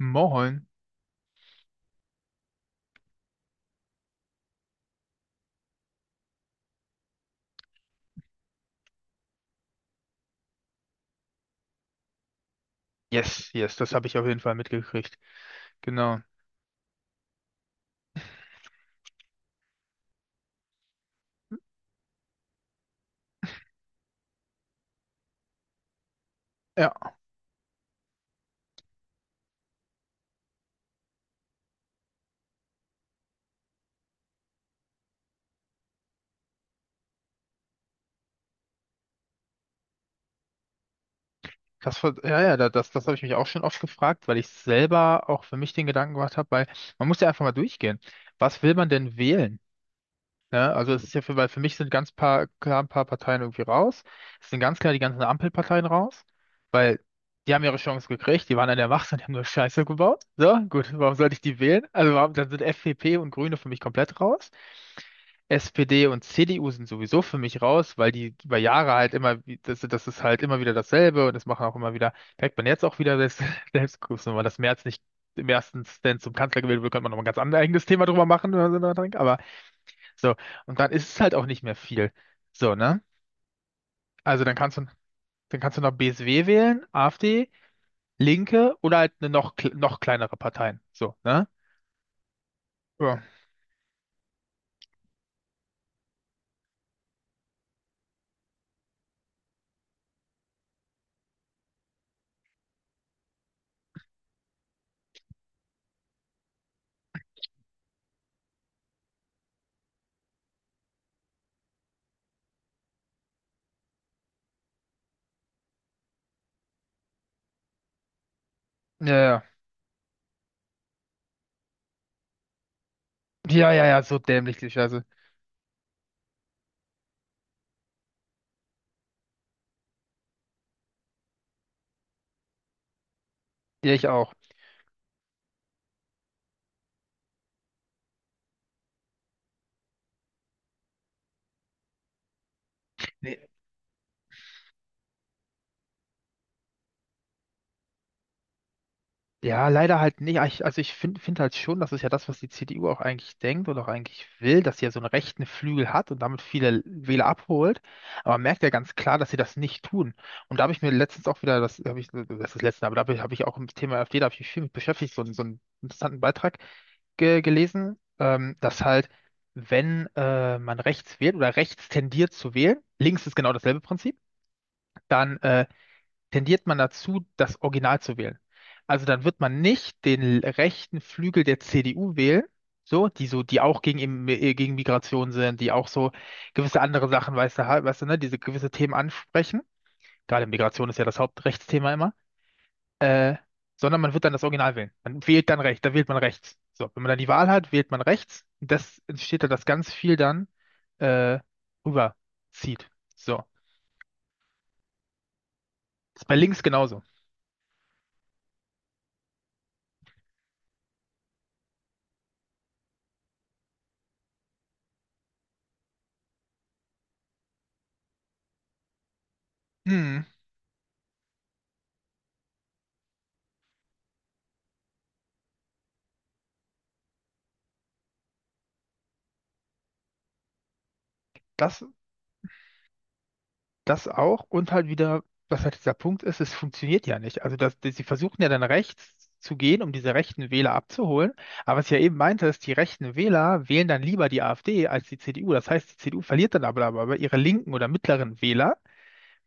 Moin. Yes, yes, das habe ich auf jeden Fall mitgekriegt. Genau. Ja, das, ver- ja, ja, da- das, das habe ich mich auch schon oft gefragt, weil ich selber auch für mich den Gedanken gemacht habe, weil man muss ja einfach mal durchgehen. Was will man denn wählen? Ne? Also es ist ja für, weil für mich sind ganz paar, klar ein paar Parteien irgendwie raus. Es sind ganz klar die ganzen Ampelparteien raus, weil die haben ja ihre Chance gekriegt, die waren an der Macht und die haben nur Scheiße gebaut. So, gut, warum sollte ich die wählen? Also warum, dann sind FDP und Grüne für mich komplett raus. SPD und CDU sind sowieso für mich raus, weil die über Jahre halt immer, das ist halt immer wieder dasselbe und das machen auch immer wieder, merkt man jetzt auch wieder, selbst, selbst gut, wenn man das Merz nicht im ersten Stand zum Kanzler gewählt wird, könnte man noch mal ein ganz anderes eigenes Thema drüber machen oder so, drüber denkt, aber so, und dann ist es halt auch nicht mehr viel. So, ne? Also dann kannst du noch BSW wählen, AfD, Linke oder halt noch kleinere Parteien. So, ne? Ja, ja, ja, ja, ja, ja, so dämlich, die Scheiße. Ja, ich auch. Ja, leider halt nicht. Ah, Ich- Also ich finde find find halt schon, das ist ja das, was die CDU auch eigentlich denkt oder auch eigentlich will, dass sie ja so einen rechten Flügel hat und damit viele Wähler abholt. Aber man merkt ja ganz klar, dass sie das nicht tun. Und da habe ich mir letztens auch wieder, das habe ich, das ist das letzte, aber da hab ich auch im Thema AfD, da habe ich mich viel mit beschäftigt, so, so einen interessanten Beitrag ge gelesen, dass halt, wenn man rechts wählt oder rechts tendiert zu wählen, links ist genau dasselbe Prinzip, dann tendiert man dazu, das Original zu wählen. Also dann wird man nicht den rechten Flügel der CDU wählen, so, die auch gegen, gegen Migration sind, die auch so gewisse andere Sachen, weißt du, halt, weißt du, ne, diese gewisse Themen ansprechen. Gerade Migration ist ja das Hauptrechtsthema immer. Äh, sondern man wird dann das Original wählen. Man wählt dann rechts, da wählt man rechts. So, wenn man dann die Wahl hat, wählt man rechts. Und das entsteht da, dass ganz viel dann äh, rüberzieht. So. Ist bei links genauso. Hm, das Das auch und halt wieder, was halt dieser Punkt ist, es funktioniert ja nicht. Also sie versuchen ja dann rechts zu gehen, um diese rechten Wähler abzuholen. Aber was ich ja eben meinte, ist, die rechten Wähler wählen dann lieber die AfD als die CDU. Das heißt, die CDU verliert dann aber ihre linken oder mittleren Wähler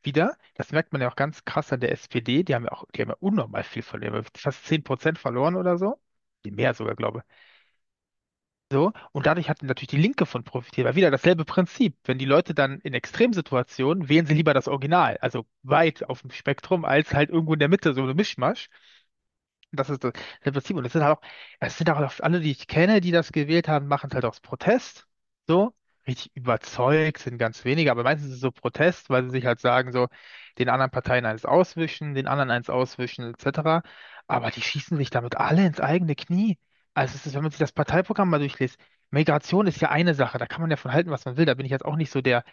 wieder. Das merkt man ja auch ganz krass an der SPD. Die haben ja auch, die haben ja unnormal viel verloren. Die haben ja Fast 10% verloren oder so. Die Mehr sogar, glaube so, und dadurch hat natürlich die Linke von profitiert, weil wieder dasselbe Prinzip. Wenn die Leute dann in Extremsituationen wählen sie lieber das Original, also weit auf dem Spektrum, als halt irgendwo in der Mitte so eine Mischmasch. Das ist das Prinzip. Und es sind halt auch, es sind auch alle, die ich kenne, die das gewählt haben, machen es halt aus Protest. So, richtig überzeugt sind ganz wenige, aber meistens ist es so Protest, weil sie sich halt sagen, so, den anderen Parteien eins auswischen, den anderen eins auswischen, etc. Aber die schießen sich damit alle ins eigene Knie. Also es ist, wenn man sich das Parteiprogramm mal durchliest, Migration ist ja eine Sache, da kann man ja von halten, was man will. Da bin ich jetzt auch nicht so der,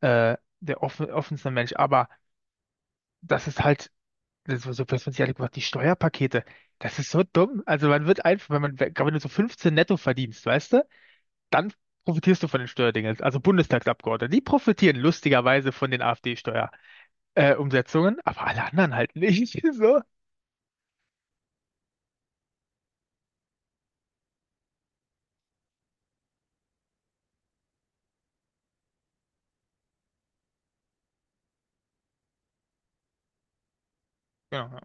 offenste Mensch, aber das ist halt so dass man sich alle gemacht, die Steuerpakete, das ist so dumm. Also man wird einfach, wenn du so 15 netto verdienst, weißt du, dann profitierst du von den Steuerdingen. Also Bundestagsabgeordnete, die profitieren lustigerweise von den afd Steuerumsetzungen Umsetzungen, aber alle anderen halt nicht. So. Ja. Ja.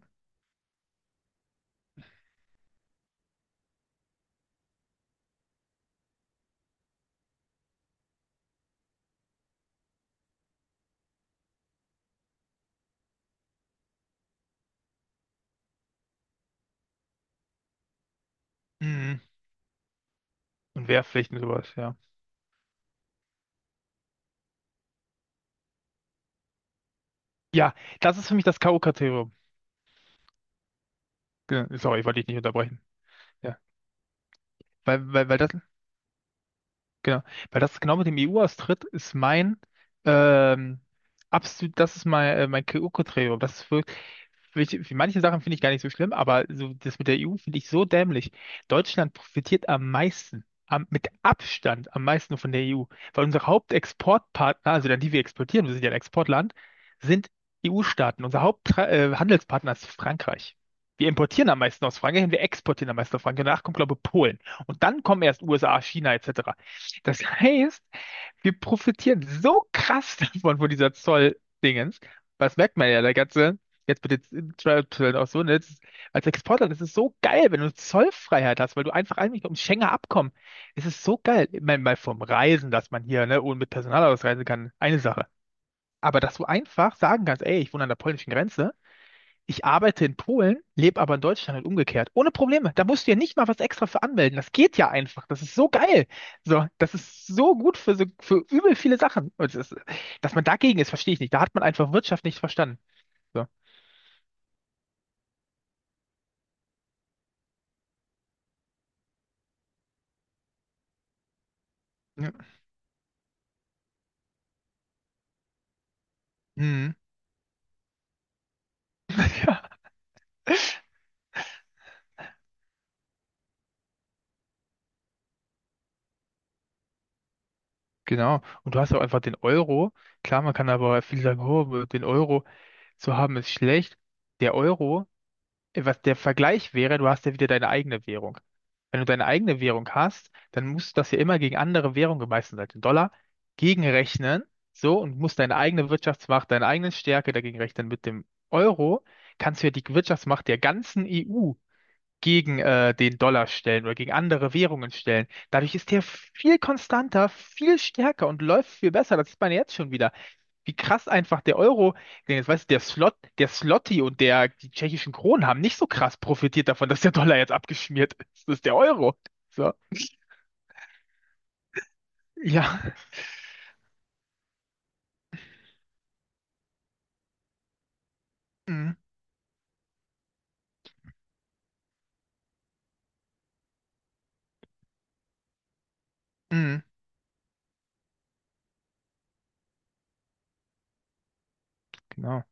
Mhm. Und Wehrpflichten sowas, ja. Ja, das ist für mich das K.O.-Kriterium. Ge- Sorry, wollte ich nicht unterbrechen. Ja. Weil, weil, Genau, weil das genau mit dem EU-Austritt ist mein ähm, absolut, das ist mein, mein KO-Kriterium. Das ist wirklich, für, für manche Sachen finde ich gar nicht so schlimm, aber so das mit der EU finde ich so dämlich. Deutschland profitiert mit Abstand am meisten von der EU, weil unsere Hauptexportpartner, also dann die wir exportieren, wir sind ja ein Exportland, sind EU-Staaten. Unser Haupthandelspartner Handelspartner ist Frankreich. Wir importieren am meisten aus Frankreich und wir exportieren am meisten aus Frankreich. Danach kommt, glaube ich, Polen. Und dann kommen erst USA, China etc. Das heißt, wir profitieren so krass davon, von dieser Zoll-Dingens. Was merkt man ja, der ganze, jetzt mit den Zollzöllen auch so, ne? Das ist, als Exportland das ist so geil, wenn du Zollfreiheit hast, weil du einfach eigentlich ums Schengener Abkommen. Es ist so geil. Ich meine, mal vom Reisen, dass man hier, ne, ohne mit Personalausweis reisen kann, eine Sache. Aber dass du einfach sagen kannst, ey, ich wohne an der polnischen Grenze ich arbeite in Polen, lebe aber in Deutschland und umgekehrt. Ohne Probleme. Da musst du ja nicht mal was extra für anmelden. Das geht ja einfach. Das ist so geil. So, das ist so gut für so, für übel viele Sachen. Und das, dass man dagegen ist, verstehe ich nicht. Da hat man einfach Wirtschaft nicht verstanden. So. Ja. Hm. Ja, genau. Und du hast auch einfach den Euro. Klar, man kann aber viele sagen, oh, den Euro zu haben ist schlecht. Der Euro, was der Vergleich wäre, du hast ja wieder deine eigene Währung. Wenn du deine eigene Währung hast, dann musst du das ja immer gegen andere Währungen, meistens halt den Dollar, gegenrechnen. So, und musst deine eigene Wirtschaftsmacht, deine eigene Stärke dagegen rechnen. Mit dem Euro kannst du ja die Wirtschaftsmacht der ganzen EU gegen den Dollar stellen oder gegen andere Währungen stellen. Dadurch ist der viel konstanter, viel stärker und läuft viel besser. Das sieht man jetzt schon wieder. Wie krass einfach der Euro, denn jetzt weißt du, der Slot, der Zloty und der, die tschechischen Kronen haben nicht so krass profitiert davon, dass der Dollar jetzt abgeschmiert ist. Das ist der Euro. So, ja. Mhm. Mhm. Genau.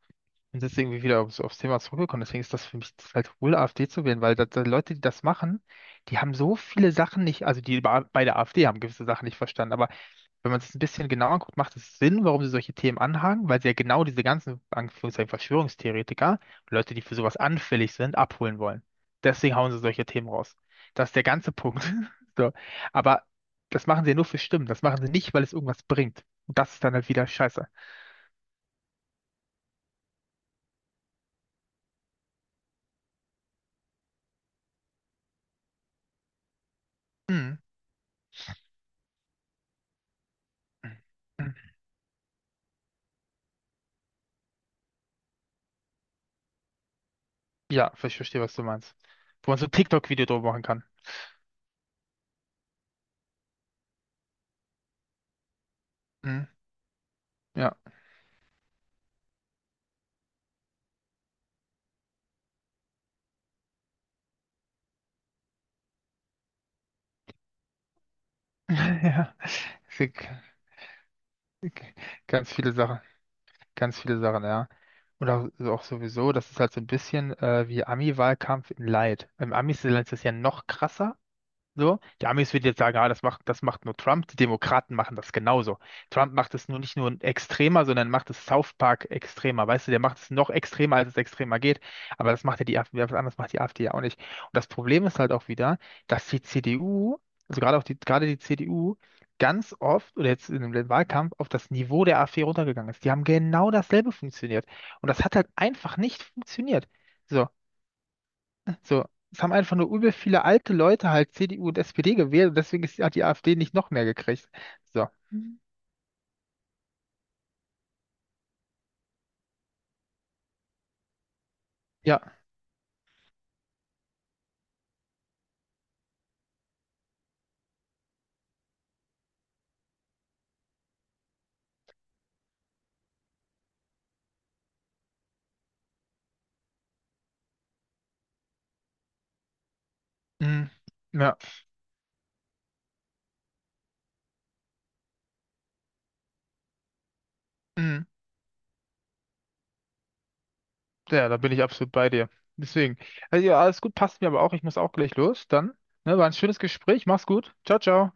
Und deswegen bin ich wieder aufs Thema zurückgekommen. Deswegen ist das für mich halt wohl, AfD zu wählen, weil da Leute, die das machen, die haben so viele Sachen nicht, also die bei der AfD haben gewisse Sachen nicht verstanden, aber wenn man es ein bisschen genauer guckt, macht es Sinn, warum sie solche Themen anhaken, weil sie ja genau diese ganzen, Anführungszeichen, Verschwörungstheoretiker, Leute, die für sowas anfällig sind, abholen wollen. Deswegen hauen sie solche Themen raus. Das ist der ganze Punkt. So. Aber das machen sie ja nur für Stimmen. Das machen sie nicht, weil es irgendwas bringt. Und das ist dann halt wieder scheiße. Hm. Ja, ich verstehe, was du meinst. Wo man so ein TikTok-Video drüber machen kann. Hm. Ja. Ja. Es gibt Ganz viele Sachen. Ganz viele Sachen, ja. Und auch, also auch sowieso, das ist halt so ein bisschen wie Ami-Wahlkampf in Light. Im Amis-Land ist das ja noch krasser. So, die Amis würden jetzt sagen, ah, das macht nur Trump. Die Demokraten machen das genauso. Trump macht es nur nicht nur extremer, sondern macht es South Park extremer. Weißt du, der macht es noch extremer, als es extremer geht. Aber das macht ja die AfD, was anderes macht die AfD ja auch nicht. Und das Problem ist halt auch wieder, dass die CDU, also gerade auch die, gerade die CDU, ganz oft oder jetzt in dem Wahlkampf auf das Niveau der AfD runtergegangen ist. Die haben genau dasselbe funktioniert. Und das hat halt einfach nicht funktioniert. So, so, es haben einfach nur übel viele alte Leute halt CDU und SPD gewählt und deswegen hat die AfD nicht noch mehr gekriegt. So, Mhm. Ja, mm, ja, mm, ja, da bin ich absolut bei dir. Deswegen, also ja, alles gut, passt mir aber auch. Ich muss auch gleich los. Dann, ne, war ein schönes Gespräch. Mach's gut. Ciao, ciao.